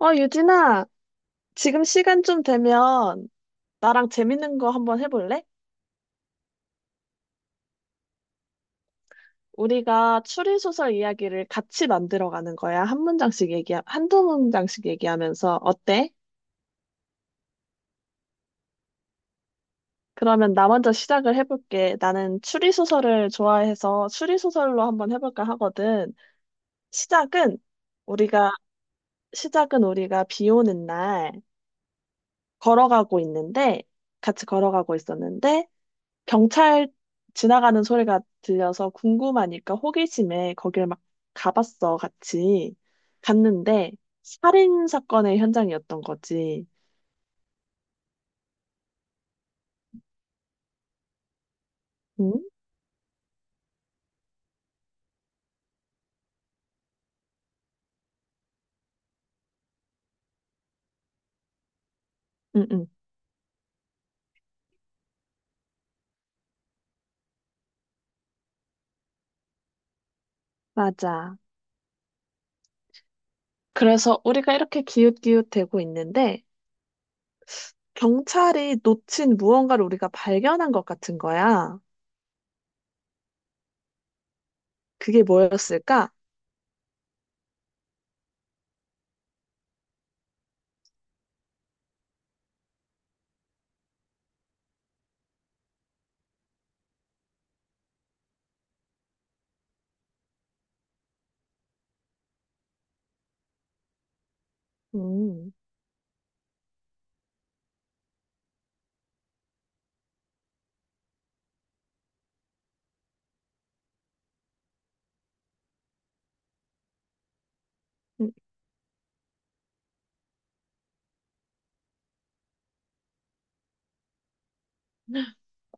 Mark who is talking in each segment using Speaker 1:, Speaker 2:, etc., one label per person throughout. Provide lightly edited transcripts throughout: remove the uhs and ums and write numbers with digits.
Speaker 1: 유진아, 지금 시간 좀 되면 나랑 재밌는 거 한번 해볼래? 우리가 추리소설 이야기를 같이 만들어가는 거야. 한두 문장씩 얘기하면서. 어때? 그러면 나 먼저 시작을 해볼게. 나는 추리소설을 좋아해서 추리소설로 한번 해볼까 하거든. 시작은 우리가, 시작은 우리가 비 오는 날 걸어가고 있는데, 같이 걸어가고 있었는데, 경찰 지나가는 소리가 들려서 궁금하니까 호기심에 거길 막 가봤어, 같이. 갔는데, 살인 사건의 현장이었던 거지. 응? 응, 응. 맞아. 그래서 우리가 이렇게 기웃기웃대고 있는데, 경찰이 놓친 무언가를 우리가 발견한 것 같은 거야. 그게 뭐였을까? 음.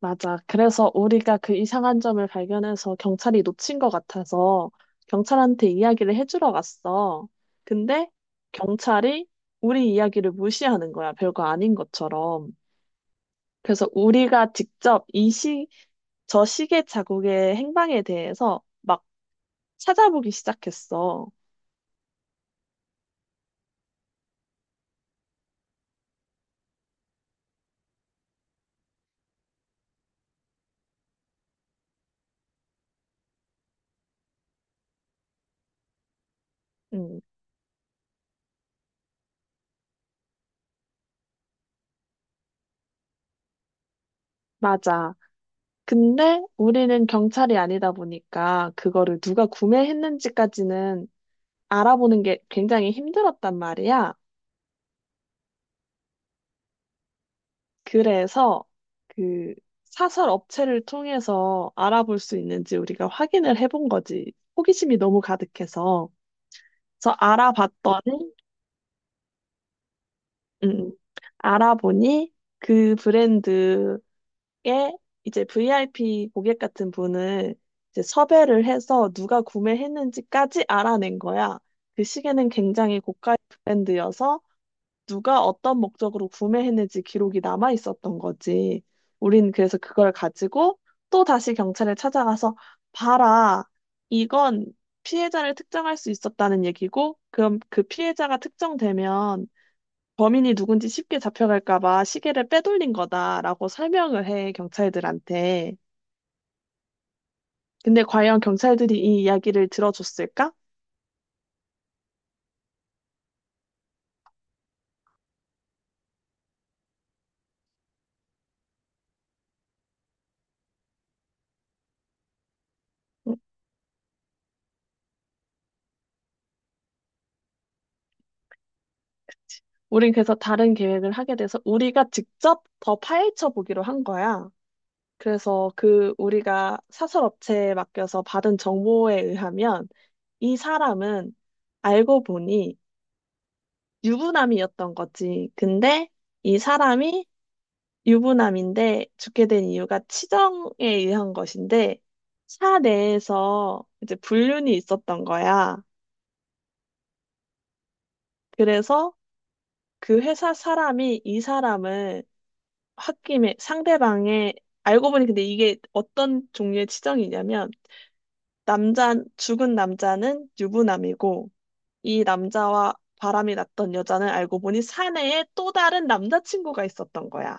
Speaker 1: 맞아. 그래서 우리가 그 이상한 점을 발견해서 경찰이 놓친 것 같아서 경찰한테 이야기를 해주러 갔어. 근데 경찰이 우리 이야기를 무시하는 거야. 별거 아닌 것처럼. 그래서 우리가 직접 저 시계 자국의 행방에 대해서 막 찾아보기 시작했어. 응, 맞아. 근데 우리는 경찰이 아니다 보니까 그거를 누가 구매했는지까지는 알아보는 게 굉장히 힘들었단 말이야. 그래서 그 사설 업체를 통해서 알아볼 수 있는지 우리가 확인을 해본 거지. 호기심이 너무 가득해서. 그래서 알아봤더니, 음, 음, 알아보니 그 브랜드의 이제 VIP 고객 같은 분을 이제 섭외를 해서 누가 구매했는지까지 알아낸 거야. 그 시계는 굉장히 고가의 브랜드여서 누가 어떤 목적으로 구매했는지 기록이 남아 있었던 거지. 우린 그래서 그걸 가지고 또 다시 경찰에 찾아가서 봐라. 이건 피해자를 특정할 수 있었다는 얘기고, 그럼 그 피해자가 특정되면 범인이 누군지 쉽게 잡혀갈까 봐 시계를 빼돌린 거다라고 설명을 해, 경찰들한테. 근데 과연 경찰들이 이 이야기를 들어줬을까? 응, 우린 그래서 다른 계획을 하게 돼서 우리가 직접 더 파헤쳐 보기로 한 거야. 그래서 그 우리가 사설업체에 맡겨서 받은 정보에 의하면 이 사람은 알고 보니 유부남이었던 거지. 근데 이 사람이 유부남인데 죽게 된 이유가 치정에 의한 것인데 사 내에서 이제 불륜이 있었던 거야. 그래서 그 회사 사람이 이 사람을 홧김에 상대방의 알고 보니 근데 이게 어떤 종류의 치정이냐면 남자, 죽은 남자는 유부남이고, 이 남자와 바람이 났던 여자는 알고 보니 사내에 또 다른 남자친구가 있었던 거야.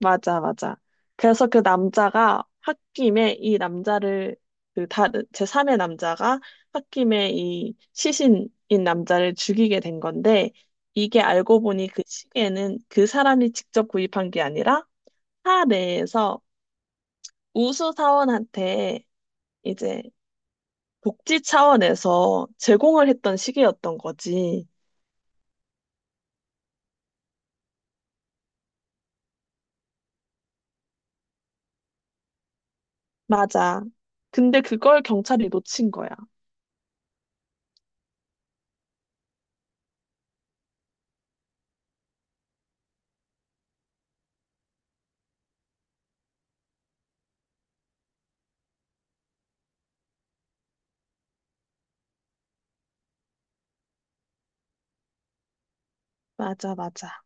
Speaker 1: 맞아, 맞아. 그래서 그 남자가 홧김에 이 남자를, 그 다른, 제3의 남자가 홧김에 이 시신인 남자를 죽이게 된 건데, 이게 알고 보니 그 시계는 그 사람이 직접 구입한 게 아니라 사내에서 우수사원한테 이제 복지 차원에서 제공을 했던 시기였던 거지. 맞아. 근데 그걸 경찰이 놓친 거야. 맞아, 맞아,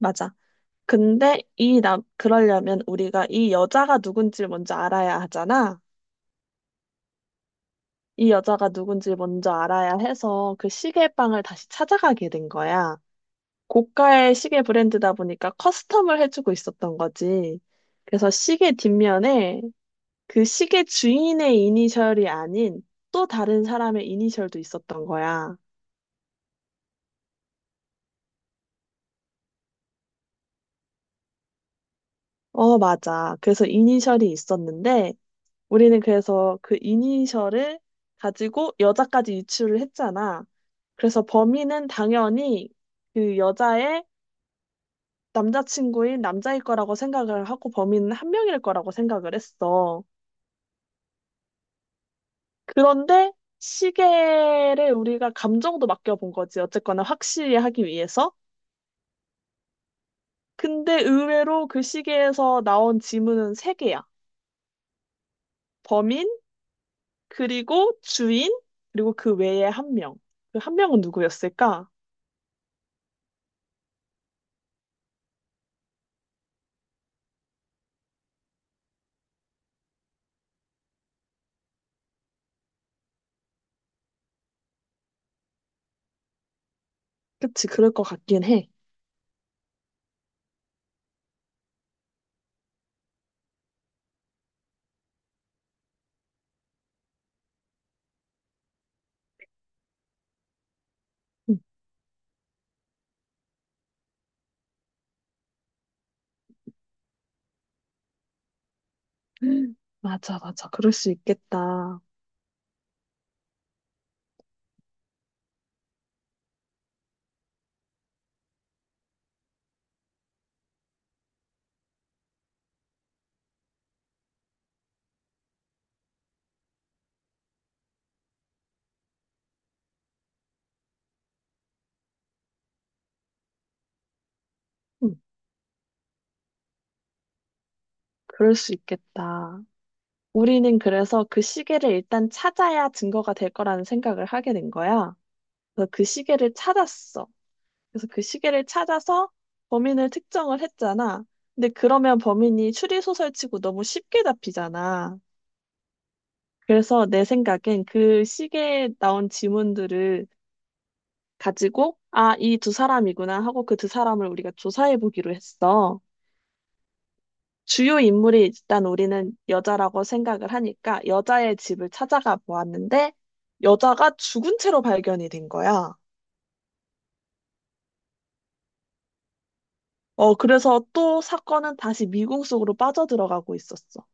Speaker 1: 맞아. 근데 그러려면 우리가 이 여자가 누군지 먼저 알아야 하잖아. 이 여자가 누군지 먼저 알아야 해서 그 시계방을 다시 찾아가게 된 거야. 고가의 시계 브랜드다 보니까 커스텀을 해주고 있었던 거지. 그래서 시계 뒷면에 그 시계 주인의 이니셜이 아닌 또 다른 사람의 이니셜도 있었던 거야. 어, 맞아. 그래서 이니셜이 있었는데 우리는 그래서 그 이니셜을 가지고 여자까지 유추를 했잖아. 그래서 범인은 당연히 그 여자의 남자친구인 남자일 거라고 생각을 하고 범인은 한 명일 거라고 생각을 했어. 그런데 시계를 우리가 감정도 맡겨본 거지. 어쨌거나 확실히 하기 위해서. 근데 의외로 그 시계에서 나온 지문은 세개야. 범인, 그리고 주인, 그리고 그 외에 한 명. 그 한 명은 누구였을까? 그치, 그럴 것 같긴 해. 음. 맞아, 맞아. 그럴 수 있겠다. 음, 그럴 수 있겠다. 우리는 그래서 그 시계를 일단 찾아야 증거가 될 거라는 생각을 하게 된 거야. 그래서 그 시계를 찾았어. 그래서 그 시계를 찾아서 범인을 특정을 했잖아. 근데 그러면 범인이 추리소설치고 너무 쉽게 잡히잖아. 그래서 내 생각엔 그 시계에 나온 지문들을 가지고, 아, 이 두 사람이구나 하고 그 두 사람을 우리가 조사해 보기로 했어. 주요 인물이 일단 우리는 여자라고 생각을 하니까 여자의 집을 찾아가 보았는데 여자가 죽은 채로 발견이 된 거야. 어, 그래서 또 사건은 다시 미궁 속으로 빠져들어가고 있었어.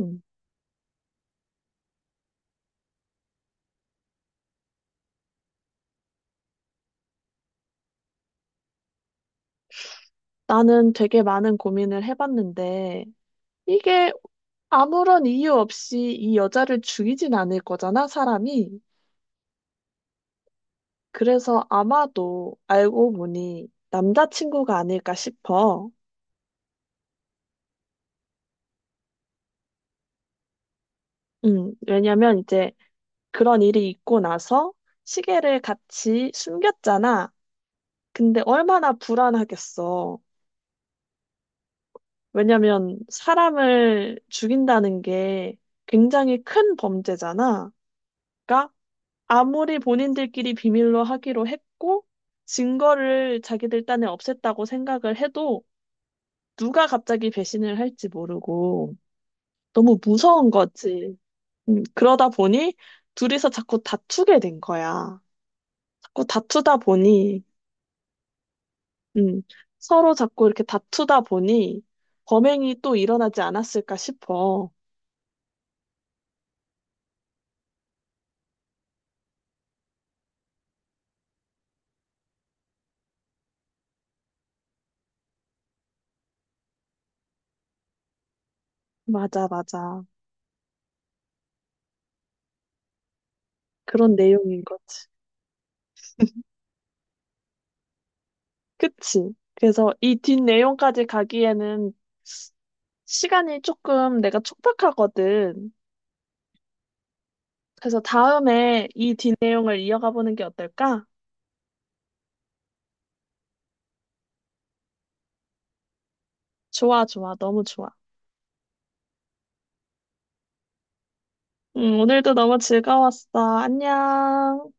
Speaker 1: 음. 나는 되게 많은 고민을 해봤는데, 이게 아무런 이유 없이 이 여자를 죽이진 않을 거잖아, 사람이. 그래서 아마도 알고 보니 남자친구가 아닐까 싶어. 왜냐면 이제 그런 일이 있고 나서 시계를 같이 숨겼잖아. 근데 얼마나 불안하겠어. 왜냐면 사람을 죽인다는 게 굉장히 큰 범죄잖아. 그러니까 아무리 본인들끼리 비밀로 하기로 했고, 증거를 자기들 딴에 없앴다고 생각을 해도, 누가 갑자기 배신을 할지 모르고, 너무 무서운 거지. 그러다 보니, 둘이서 자꾸 다투게 된 거야. 자꾸 다투다 보니, 음, 서로 자꾸 이렇게 다투다 보니, 범행이 또 일어나지 않았을까 싶어. 맞아, 맞아. 그런 내용인 거지. 그치? 그래서 이 뒷내용까지 가기에는 시간이 조금 내가 촉박하거든. 그래서 다음에 이 뒷내용을 이어가 보는 게 어떨까? 좋아, 좋아. 너무 좋아. 오늘도 너무 즐거웠어. 안녕.